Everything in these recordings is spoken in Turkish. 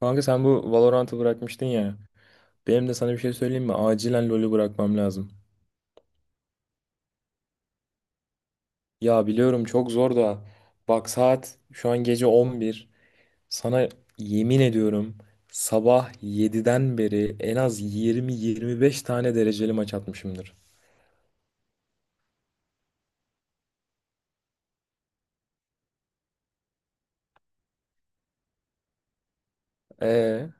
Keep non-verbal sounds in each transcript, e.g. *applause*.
Kanka sen bu Valorant'ı bırakmıştın ya. Benim de sana bir şey söyleyeyim mi? Acilen LoL'ü bırakmam lazım. Ya biliyorum çok zor da. Bak saat şu an gece 11. Sana yemin ediyorum sabah 7'den beri en az 20-25 tane dereceli maç atmışımdır. Ee?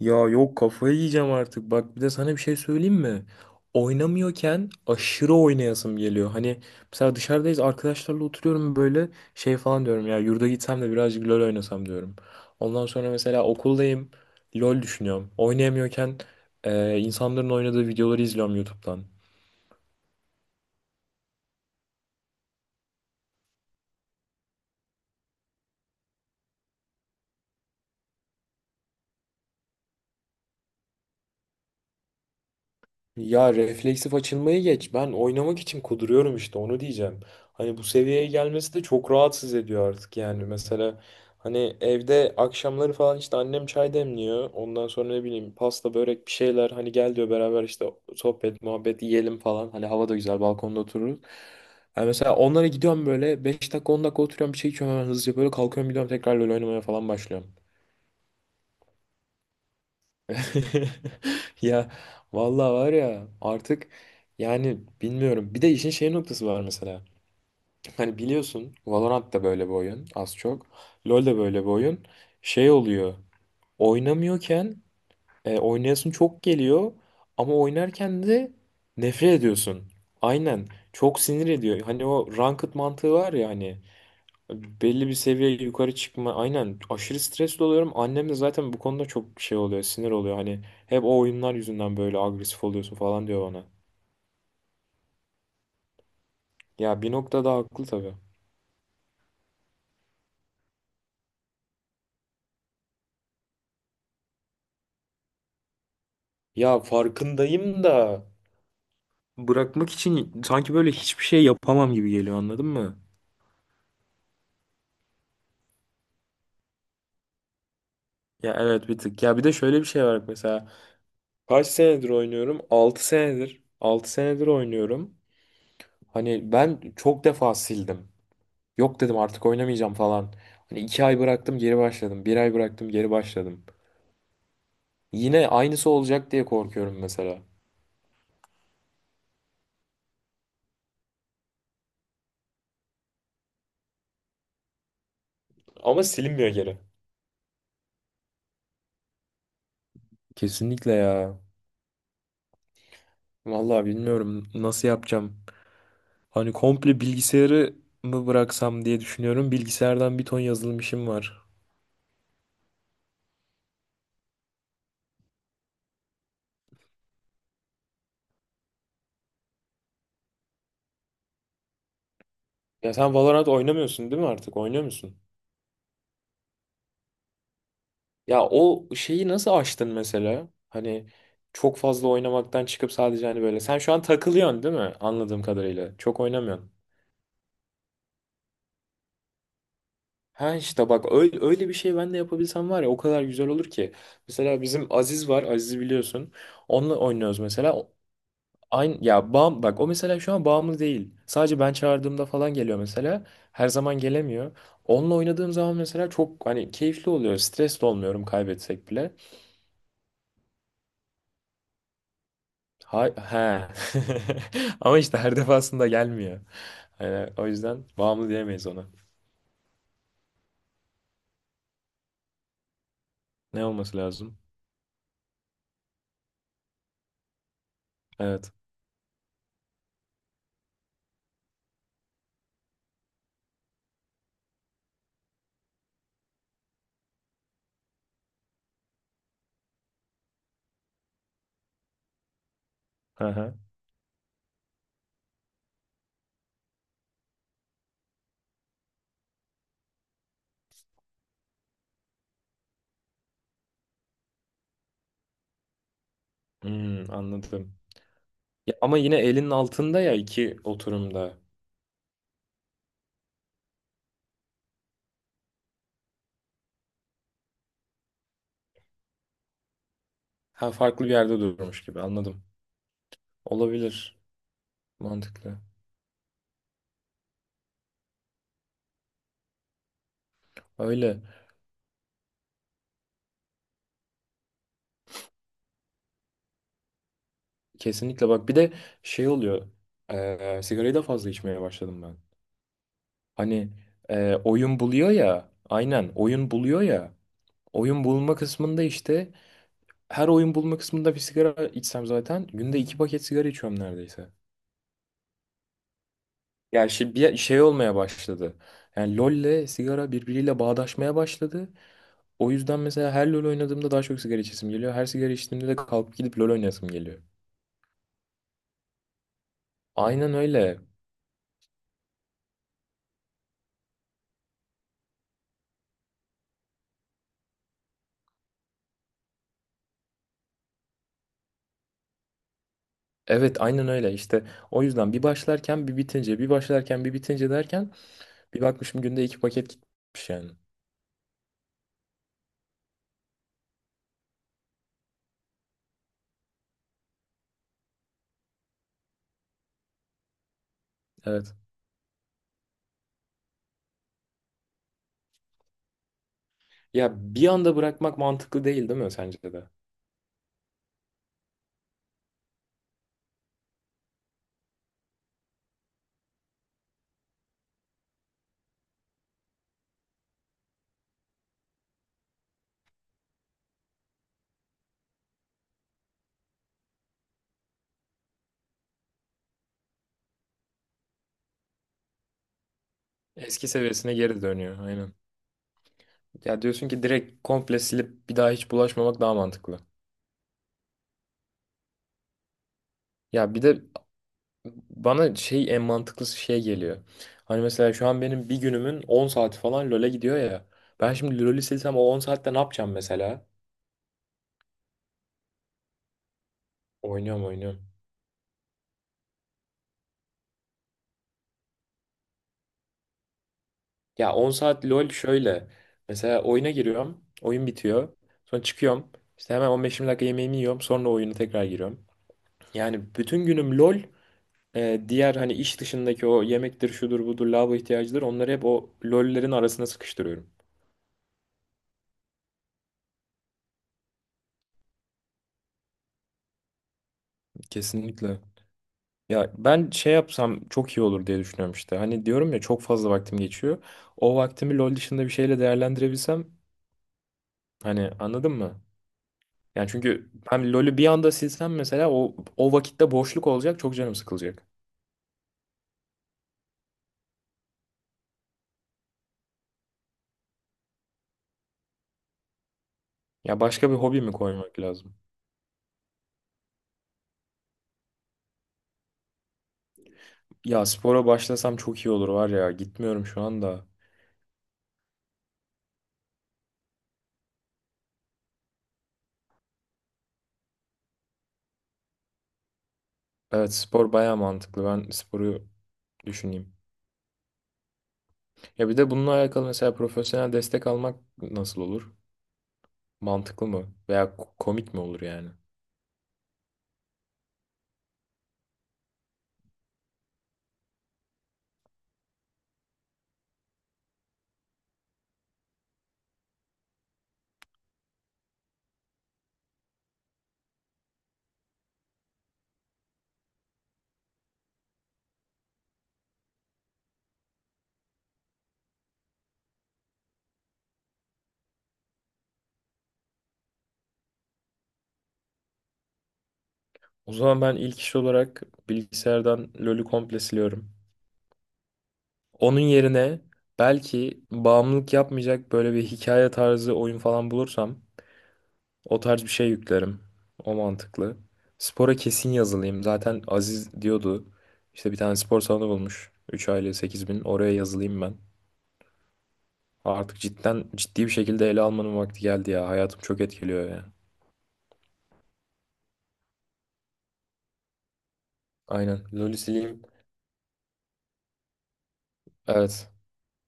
Ya yok kafayı yiyeceğim artık. Bak bir de sana bir şey söyleyeyim mi? Oynamıyorken aşırı oynayasım geliyor. Hani mesela dışarıdayız arkadaşlarla oturuyorum böyle şey falan diyorum ya yurda gitsem de birazcık LoL oynasam diyorum. Ondan sonra mesela okuldayım LoL düşünüyorum. Oynayamıyorken insanların oynadığı videoları izliyorum YouTube'dan. Ya refleksif açılmayı geç. Ben oynamak için kuduruyorum işte onu diyeceğim. Hani bu seviyeye gelmesi de çok rahatsız ediyor artık yani. Mesela hani evde akşamları falan işte annem çay demliyor. Ondan sonra ne bileyim pasta börek bir şeyler hani gel diyor beraber işte sohbet muhabbet yiyelim falan. Hani hava da güzel balkonda otururuz. Yani mesela onlara gidiyorum böyle 5 dakika 10 dakika oturuyorum bir şey içiyorum hemen hızlıca böyle kalkıyorum gidiyorum tekrar LoL oynamaya falan başlıyorum. *laughs* Ya vallahi var ya artık yani bilmiyorum. Bir de işin şey noktası var mesela. Hani biliyorsun Valorant da böyle bir oyun az çok. LoL de böyle bir oyun. Şey oluyor. Oynamıyorken oynayasın çok geliyor ama oynarken de nefret ediyorsun. Aynen. Çok sinir ediyor. Hani o ranked mantığı var ya hani belli bir seviye yukarı çıkma. Aynen aşırı stresli oluyorum. Annem de zaten bu konuda çok şey oluyor, sinir oluyor. Hani hep o oyunlar yüzünden böyle agresif oluyorsun falan diyor bana. Ya bir noktada haklı tabii. Ya farkındayım da bırakmak için sanki böyle hiçbir şey yapamam gibi geliyor anladın mı? Ya evet bir tık. Ya bir de şöyle bir şey var mesela. Kaç senedir oynuyorum? 6 senedir. 6 senedir oynuyorum. Hani ben çok defa sildim. Yok dedim artık oynamayacağım falan. Hani 2 ay bıraktım geri başladım. Bir ay bıraktım geri başladım. Yine aynısı olacak diye korkuyorum mesela. Ama silinmiyor geri. Kesinlikle ya. Vallahi bilmiyorum nasıl yapacağım. Hani komple bilgisayarı mı bıraksam diye düşünüyorum. Bilgisayardan bir ton yazılım işim var. Ya sen Valorant oynamıyorsun değil mi artık? Oynuyor musun? Ya o şeyi nasıl aştın mesela? Hani çok fazla oynamaktan çıkıp sadece hani böyle. Sen şu an takılıyorsun değil mi? Anladığım kadarıyla. Çok oynamıyorsun. Ha işte bak öyle, öyle bir şey ben de yapabilsem var ya o kadar güzel olur ki. Mesela bizim Aziz var. Aziz'i biliyorsun. Onunla oynuyoruz mesela. Aynı ya bağım bak o mesela şu an bağımlı değil. Sadece ben çağırdığımda falan geliyor mesela. Her zaman gelemiyor. Onunla oynadığım zaman mesela çok hani keyifli oluyor. Stres de olmuyorum kaybetsek bile. Ha, he. *laughs* Ama işte her defasında gelmiyor. Yani o yüzden bağımlı diyemeyiz ona. Ne olması lazım? Evet. Hı hı. Hmm, anladım. Ya ama yine elinin altında ya iki oturumda. Ha farklı bir yerde durmuş gibi anladım. Olabilir. Mantıklı. Öyle. Kesinlikle bak bir de şey oluyor. Sigarayı da fazla içmeye başladım ben. Hani oyun buluyor ya. Aynen oyun buluyor ya. Oyun bulma kısmında işte her oyun bulma kısmında bir sigara içsem zaten günde 2 paket sigara içiyorum neredeyse. Yani şey, bir şey olmaya başladı. Yani LoL'le sigara birbiriyle bağdaşmaya başladı. O yüzden mesela her LoL oynadığımda daha çok sigara içesim geliyor. Her sigara içtiğimde de kalkıp gidip LoL oynasım geliyor. Aynen öyle. Evet aynen öyle işte. O yüzden bir başlarken bir bitince, bir başlarken bir bitince derken bir bakmışım günde iki paket gitmiş yani. Evet. Ya bir anda bırakmak mantıklı değil değil mi sence de? Eski seviyesine geri dönüyor aynen. Ya diyorsun ki direkt komple silip bir daha hiç bulaşmamak daha mantıklı. Ya bir de bana şey en mantıklısı şey geliyor. Hani mesela şu an benim bir günümün 10 saati falan LoL'e gidiyor ya. Ben şimdi LoL'ü silsem o 10 saatte ne yapacağım mesela? Oynuyorum oynuyorum. Ya 10 saat LoL şöyle. Mesela oyuna giriyorum. Oyun bitiyor. Sonra çıkıyorum. İşte hemen 15-20 dakika yemeğimi yiyorum. Sonra oyuna tekrar giriyorum. Yani bütün günüm LoL. Diğer hani iş dışındaki o yemektir, şudur, budur, lavabo ihtiyacıdır. Onları hep o LoL'lerin arasına sıkıştırıyorum. Kesinlikle. Ya ben şey yapsam çok iyi olur diye düşünüyorum işte. Hani diyorum ya çok fazla vaktim geçiyor. O vaktimi LoL dışında bir şeyle değerlendirebilsem hani anladın mı? Yani çünkü hem LoL'ü bir anda silsem mesela o vakitte boşluk olacak, çok canım sıkılacak. Ya başka bir hobi mi koymak lazım? Ya spora başlasam çok iyi olur var ya. Gitmiyorum şu anda. Evet spor baya mantıklı. Ben sporu düşüneyim. Ya bir de bununla alakalı mesela profesyonel destek almak nasıl olur? Mantıklı mı? Veya komik mi olur yani? O zaman ben ilk iş olarak bilgisayardan LoL'ü komple siliyorum. Onun yerine belki bağımlılık yapmayacak böyle bir hikaye tarzı oyun falan bulursam o tarz bir şey yüklerim. O mantıklı. Spora kesin yazılayım. Zaten Aziz diyordu. İşte bir tane spor salonu bulmuş. 3 aile 8.000. Oraya yazılayım ben. Artık cidden ciddi bir şekilde ele almanın vakti geldi ya. Hayatım çok etkiliyor ya. Aynen. LoL'ü sileyim. Evet.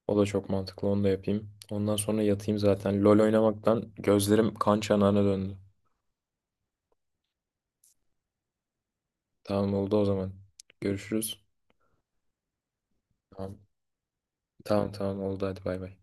O da çok mantıklı. Onu da yapayım. Ondan sonra yatayım zaten. LoL oynamaktan gözlerim kan çanağına döndü. Tamam oldu o zaman. Görüşürüz. Tamam. Tamam tamam oldu hadi bay bay.